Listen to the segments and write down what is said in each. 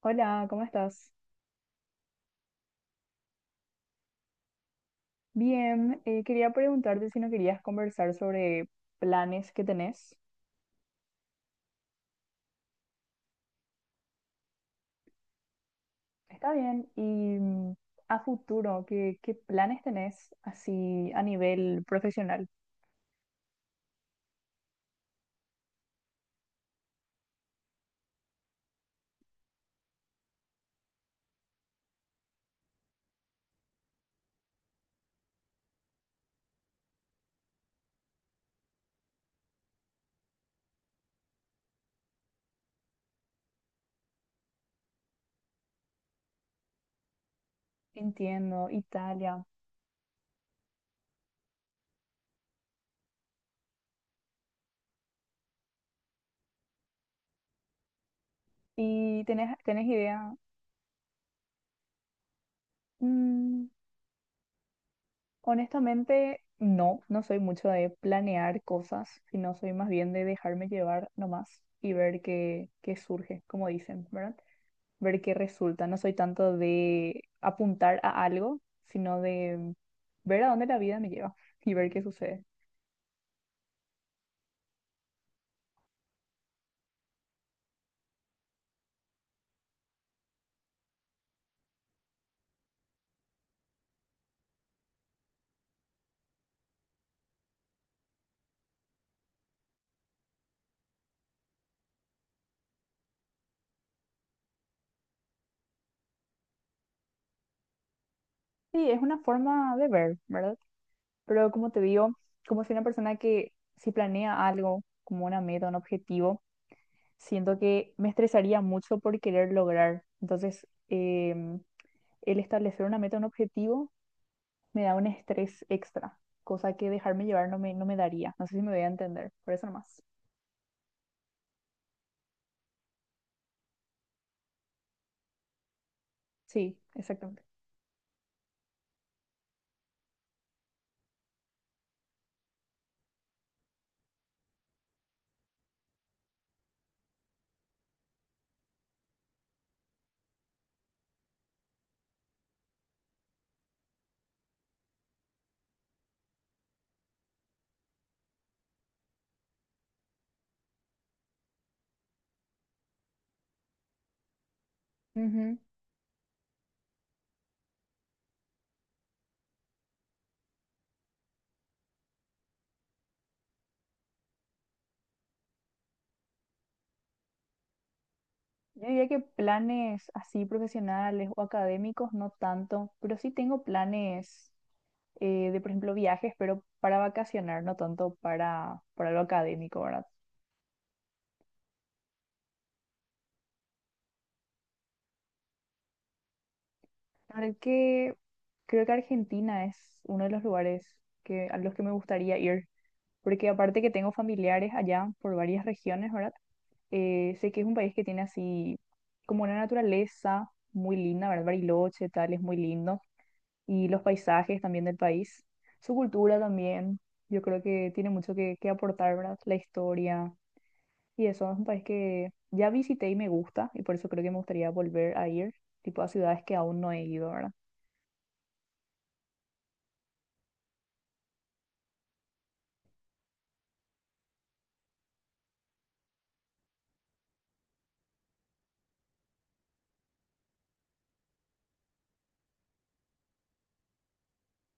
Hola, ¿cómo estás? Bien, quería preguntarte si no querías conversar sobre planes que tenés. Está bien, y mm, a futuro, ¿qué planes tenés así a nivel profesional? Entiendo, Italia. ¿Y tenés idea? Mm, honestamente, no, no soy mucho de planear cosas, sino soy más bien de dejarme llevar nomás y ver qué surge, como dicen, ¿verdad? Ver qué resulta. No soy tanto de apuntar a algo, sino de ver a dónde la vida me lleva y ver qué sucede. Sí, es una forma de ver, ¿verdad? Pero como te digo, como soy una persona que si planea algo como una meta, un objetivo, siento que me estresaría mucho por querer lograr. Entonces, em, el establecer una meta, un objetivo, me da un estrés extra, cosa que dejarme llevar no me, no me daría. No sé si me voy a entender, por eso nomás. Sí, exactamente. Ujú. Yo diría que planes así profesionales o académicos no tanto, pero sí tengo planes de, por ejemplo, viajes, pero para vacacionar, no tanto para lo académico, ¿verdad? La verdad que creo que Argentina es uno de los lugares que, a los que me gustaría ir, porque aparte que tengo familiares allá por varias regiones, ¿verdad? Sé que es un país que tiene así como una naturaleza muy linda, ¿verdad? Bariloche, tal, es muy lindo y los paisajes también del país, su cultura también. Yo creo que tiene mucho que aportar, ¿verdad? La historia y eso es un país que ya visité y me gusta y por eso creo que me gustaría volver a ir, tipo a ciudades que aún no he ido, ¿verdad?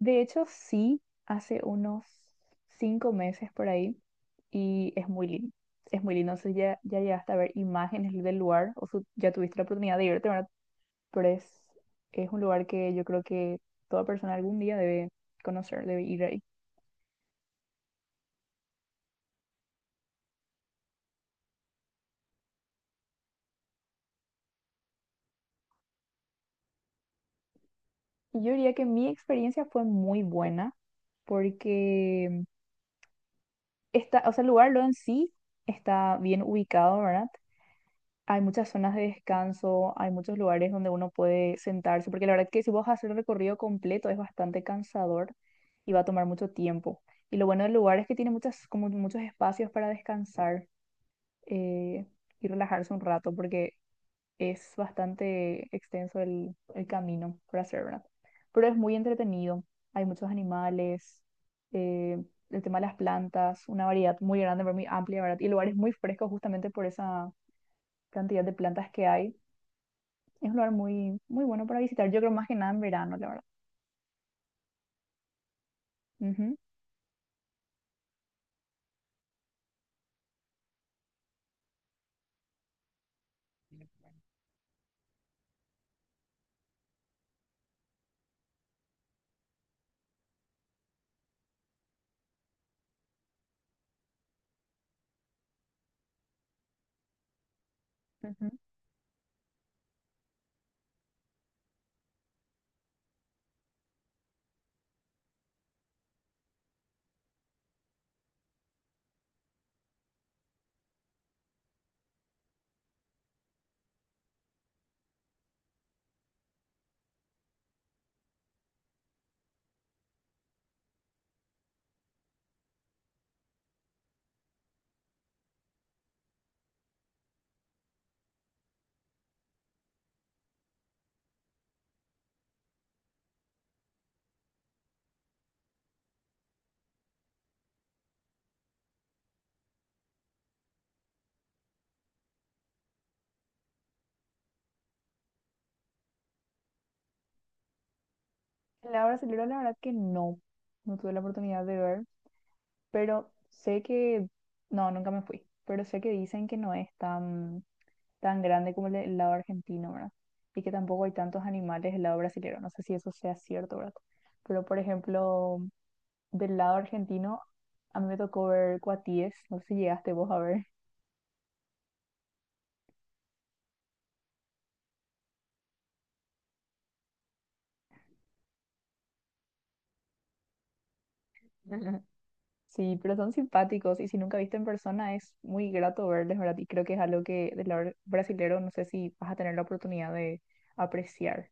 De hecho, sí, hace unos 5 meses por ahí y es muy lindo. Es muy lindo, no sé, ya llegaste a ver imágenes del lugar o su- ya tuviste la oportunidad de irte, ¿verdad? Pero es un lugar que yo creo que toda persona algún día debe conocer, debe ir, a. Y yo diría que mi experiencia fue muy buena porque está, o sea, el lugar lo en sí está bien ubicado, ¿verdad? Hay muchas zonas de descanso, hay muchos lugares donde uno puede sentarse, porque la verdad que si vos haces el recorrido completo es bastante cansador y va a tomar mucho tiempo. Y lo bueno del lugar es que tiene muchas, como muchos espacios para descansar eh, y relajarse un rato, porque es bastante extenso el camino para hacer, ¿verdad? Pero es muy entretenido, hay muchos animales, eh, el tema de las plantas, una variedad muy grande, pero muy amplia, ¿verdad? Y lugares muy frescos justamente por esa cantidad de plantas que hay. Es un lugar muy, muy bueno para visitar, yo creo más que nada en verano, la verdad. Ujú, ujú. La hora Celero, la verdad que no, no tuve la oportunidad de ver, pero sé que, no, nunca me fui, pero sé que dicen que no es tan tan grande como el, de- el lado argentino, ¿verdad? Y que tampoco hay tantos animales del lado brasileño. No sé si eso sea cierto, ¿verdad? Pero, por ejemplo, del lado argentino, a mí me tocó ver cuatíes. No sé si llegaste vos a ver. Sí, pero son simpáticos y si nunca viste en persona es muy grato verles, ¿verdad? Y creo que es algo que del lado brasilero no sé si vas a tener la oportunidad de apreciar.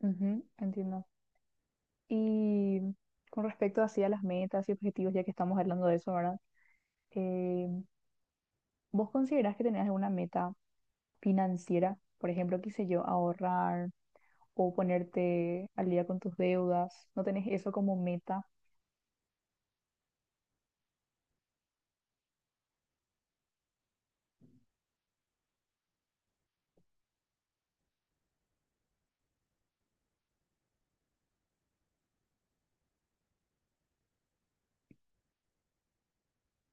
Ujú, entiendo. Y con respecto así a las metas y objetivos, ya que estamos hablando de eso, ¿verdad? Eh, ¿Vos considerás que tenés alguna meta financiera, por ejemplo, qué sé yo, ahorrar o ponerte al día con tus deudas, no tenés eso como meta,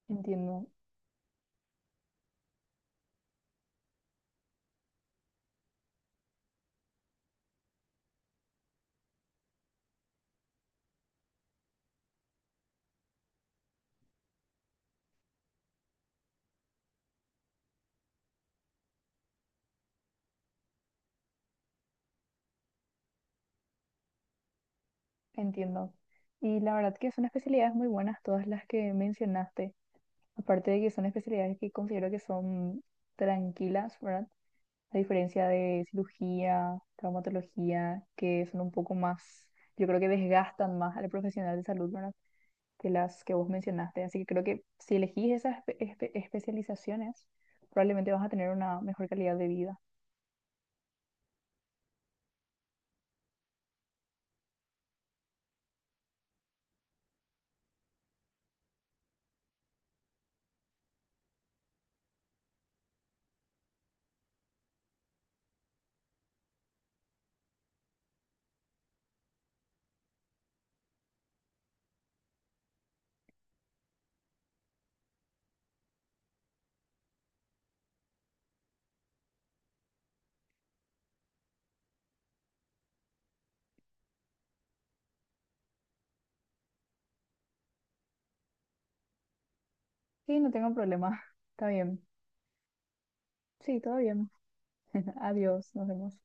entiendo, entiendo. Y la verdad que son especialidades muy buenas todas las que mencionaste, aparte de que son especialidades que considero que son tranquilas, ¿verdad? A diferencia de cirugía, traumatología, que son un poco más, yo creo que desgastan más al profesional de salud, ¿verdad? Que las que vos mencionaste. Así que creo que si elegís esas espe- espe- especializaciones, probablemente vas a tener una mejor calidad de vida. Sí, no tengo problema. Está bien. Sí, todo bien. Adiós, nos vemos.